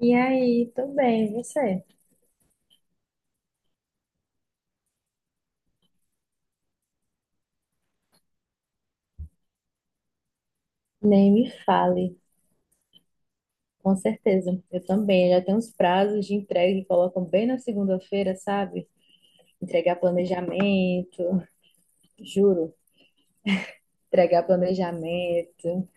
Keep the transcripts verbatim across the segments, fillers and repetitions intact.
E aí, tudo bem, e você? Nem me fale, com certeza. Eu também, já tem uns prazos de entrega que colocam bem na segunda-feira, sabe? Entregar planejamento, juro, entregar planejamento,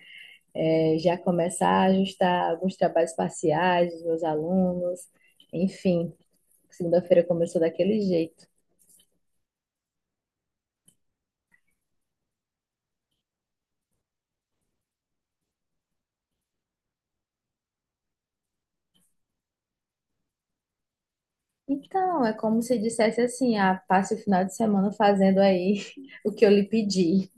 eh, já começar a ajustar alguns trabalhos parciais dos meus alunos, enfim, segunda-feira começou daquele jeito. Então, é como se dissesse assim, ah, passe o final de semana fazendo aí o que eu lhe pedi.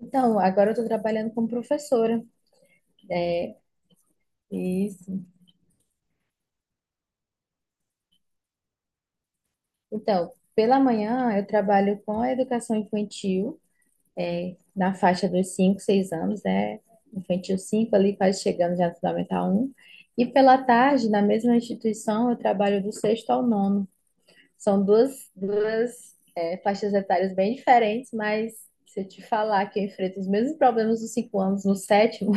Então, agora eu estou trabalhando como professora é, Isso. Então, pela manhã eu trabalho com a educação infantil, é, na faixa dos cinco, seis anos, né? Infantil cinco ali quase chegando já no Fundamental um. E pela tarde, na mesma instituição, eu trabalho do sexto ao nono. São duas, duas, é, faixas etárias bem diferentes, mas se eu te falar que eu enfrento os mesmos problemas dos cinco anos no sétimo,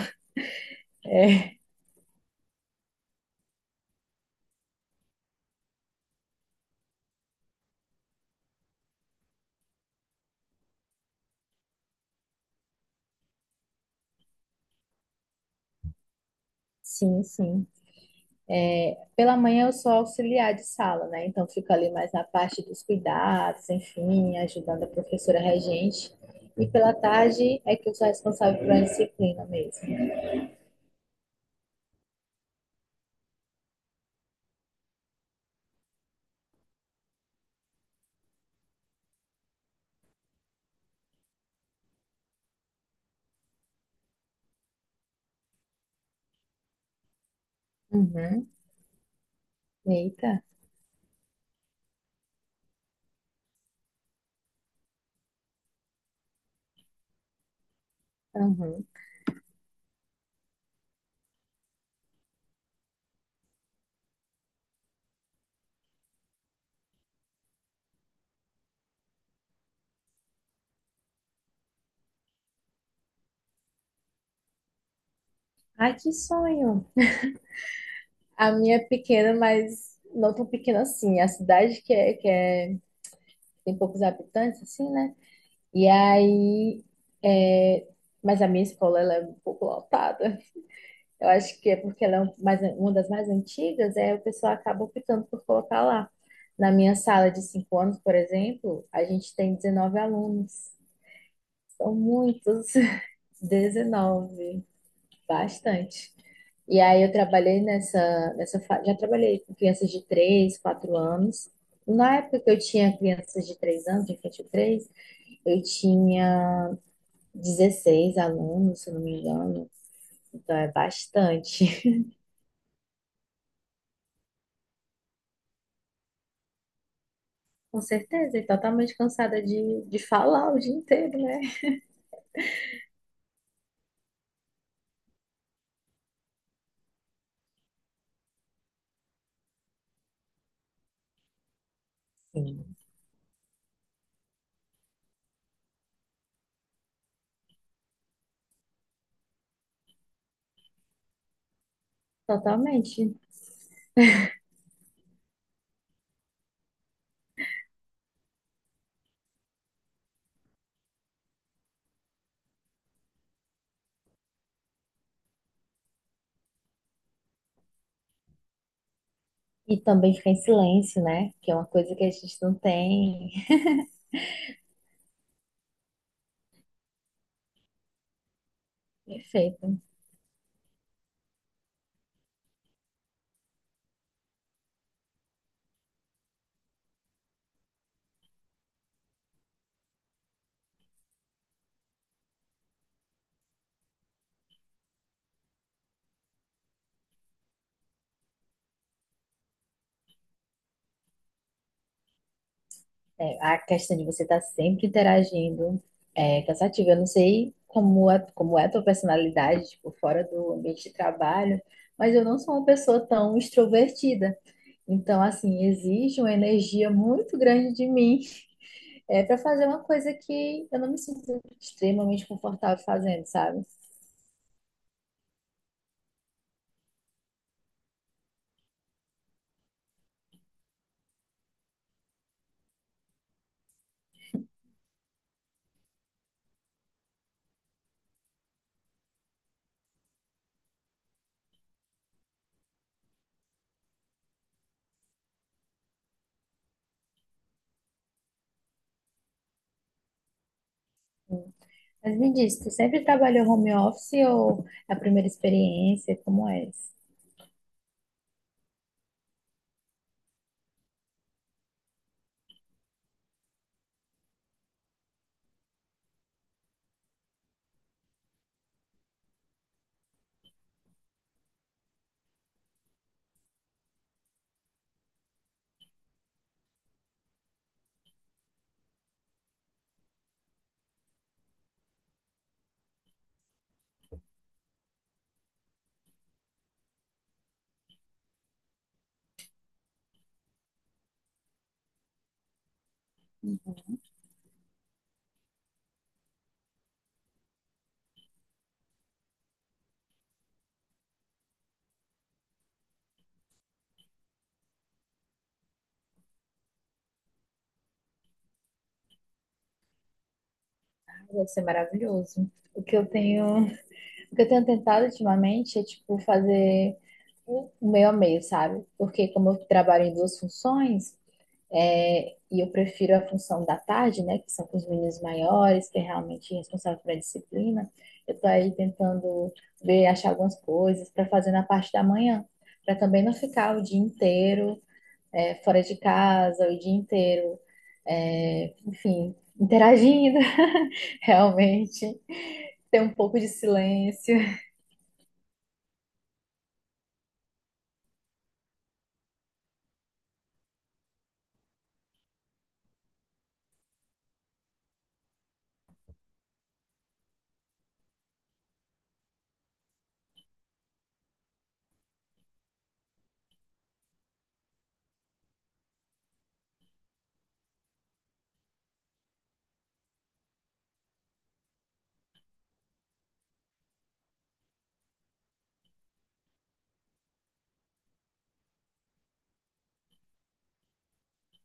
sim, sim. Pela manhã eu sou auxiliar de sala, né? Então fico ali mais na parte dos cuidados, enfim, ajudando a professora regente. E pela tarde é que eu sou responsável pela disciplina mesmo. Uhum. Eita. Uhum. Ai, que sonho. A minha é pequena, mas não tão pequena assim. A cidade que é, que é, tem poucos habitantes, assim, né? E aí, é, mas a minha escola ela é um pouco lotada. Eu acho que é porque ela é um- mais, uma das mais antigas, é o pessoal acaba optando por colocar lá. Na minha sala de cinco anos, por exemplo, a gente tem dezenove alunos. São muitos. dezenove, bastante. E aí eu trabalhei nessa, nessa, fa- já trabalhei com crianças de três, quatro anos. Na época que eu tinha crianças de três anos, de infantil três, eu tinha dezesseis alunos, se eu não me engano. Então é bastante. Com certeza, e totalmente cansada de, de falar o dia inteiro, né? Sim. Totalmente. E também ficar em silêncio, né? Que é uma coisa que a gente não tem. Perfeito. É, a questão de você estar sempre interagindo é cansativa. Eu não sei como é, como é a tua personalidade, tipo, fora do ambiente de trabalho, mas eu não sou uma pessoa tão extrovertida. Então, assim, exige uma energia muito grande de mim É para fazer uma coisa que eu não me sinto extremamente confortável fazendo, sabe? Mas me diz, tu sempre trabalhou home office ou é a primeira experiência? Como é isso? Ah, deve ser maravilhoso. O que eu tenho, o que eu tenho tentado ultimamente é tipo fazer o meio a meio, sabe? Porque como eu trabalho em duas funções, é, e eu prefiro a função da tarde, né, que são com os meninos maiores, que é realmente responsável pela disciplina. Eu estou aí tentando ver, achar algumas coisas para fazer na parte da manhã, para também não ficar o dia inteiro é, fora de casa, o dia inteiro, é, enfim, interagindo, realmente, ter um pouco de silêncio.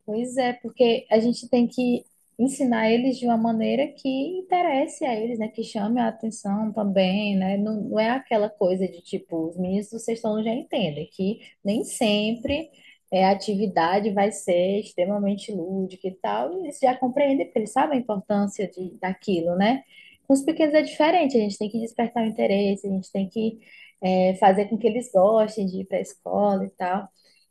Pois é, porque a gente tem que ensinar eles de uma maneira que interesse a eles, né? Que chame a atenção também, né? Não, não é aquela coisa de tipo, os meninos do sexto ano já entendem que nem sempre é, a atividade vai ser extremamente lúdica e tal. E eles já compreendem, porque eles sabem a importância de, daquilo, né? Com os pequenos é diferente, a gente tem que despertar o interesse, a gente tem que é, fazer com que eles gostem de ir para a escola e tal.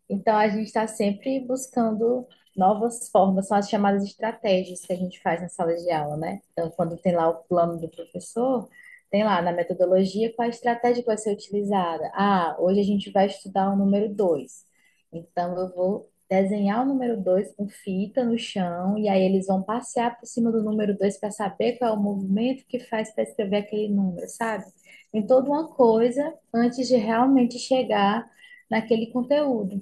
Então, a gente está sempre buscando novas formas, são as chamadas estratégias que a gente faz na sala de aula, né? Então, quando tem lá o plano do professor, tem lá na metodologia qual a estratégia que vai ser utilizada. Ah, hoje a gente vai estudar o número dois. Então, eu vou desenhar o número dois com fita no chão, e aí eles vão passear por cima do número dois para saber qual é o movimento que faz para escrever aquele número, sabe? Tem toda uma coisa antes de realmente chegar naquele conteúdo.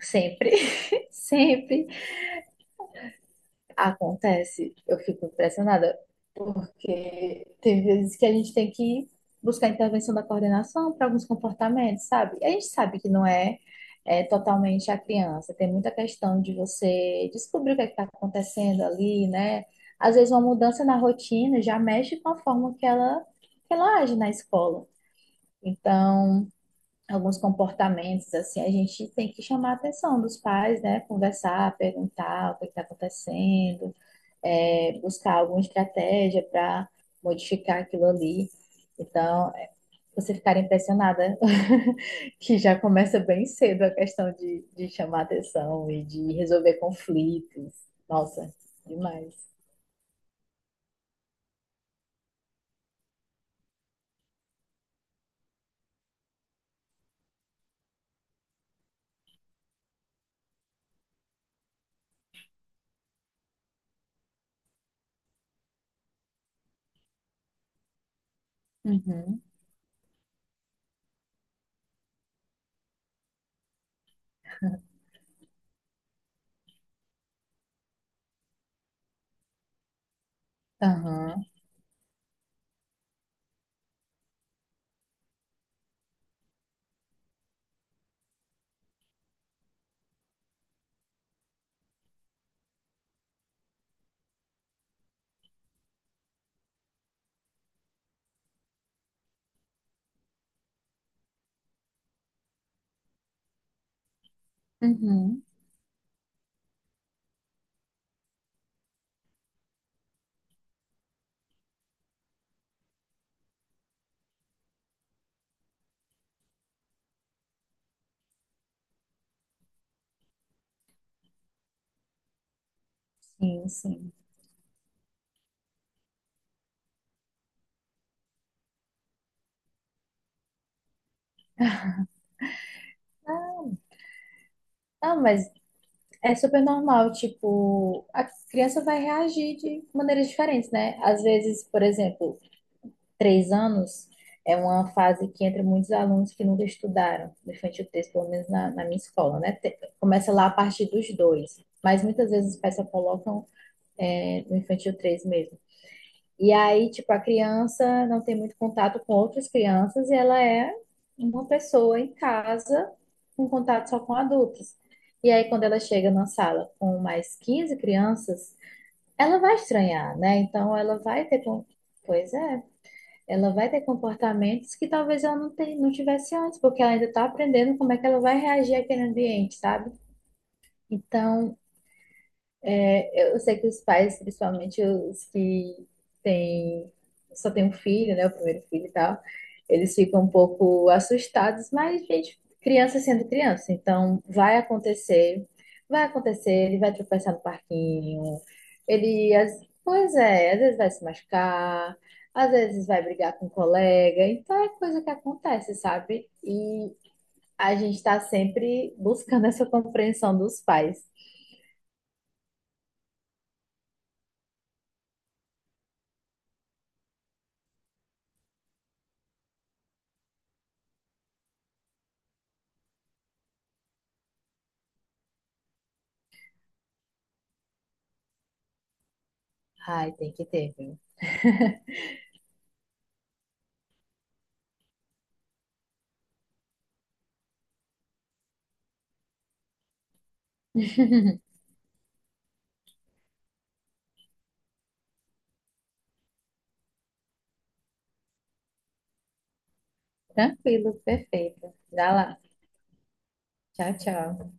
Sempre, sempre acontece. Eu fico impressionada, porque tem vezes que a gente tem que buscar intervenção da coordenação para alguns comportamentos, sabe? E a gente sabe que não é, é totalmente a criança, tem muita questão de você descobrir o que está acontecendo ali, né? Às vezes uma mudança na rotina já mexe com a forma que ela, que ela age na escola. Então, alguns comportamentos, assim, a gente tem que chamar a atenção dos pais, né? Conversar, perguntar o que está acontecendo, é, buscar alguma estratégia para modificar aquilo ali. Então, é, você ficar impressionada que já começa bem cedo a questão de, de chamar atenção e de resolver conflitos. Nossa, demais. Uhum, aham, uhum, sim, sim. Ah, mas é super normal, tipo, a criança vai reagir de maneiras diferentes, né? Às vezes, por exemplo, três anos é uma fase que entra muitos alunos que nunca estudaram, no infantil três pelo menos na, na minha escola, né? Te- Começa lá a partir dos dois, mas muitas vezes os pais só colocam é, no infantil três mesmo. E aí, tipo, a criança não tem muito contato com outras crianças e ela é uma pessoa em casa com contato só com adultos. E aí, quando ela chega na sala com mais quinze crianças, ela vai estranhar, né? Então, ela vai ter. com- Pois é, ela vai ter comportamentos que talvez ela não, te- não tivesse antes, porque ela ainda está aprendendo como é que ela vai reagir àquele ambiente, sabe? Então, eu sei que os pais, principalmente os que têm, só têm um filho, né, o primeiro filho e tal, eles ficam um pouco assustados, mas, gente, criança sendo criança, então vai acontecer, vai acontecer, ele vai tropeçar no parquinho, ele, às- pois é, às vezes vai se machucar, às vezes vai brigar com um colega, então é coisa que acontece, sabe? E a gente está sempre buscando essa compreensão dos pais. Ai, tem que ter, viu? Tranquilo, perfeito. Dá lá. Tchau, tchau.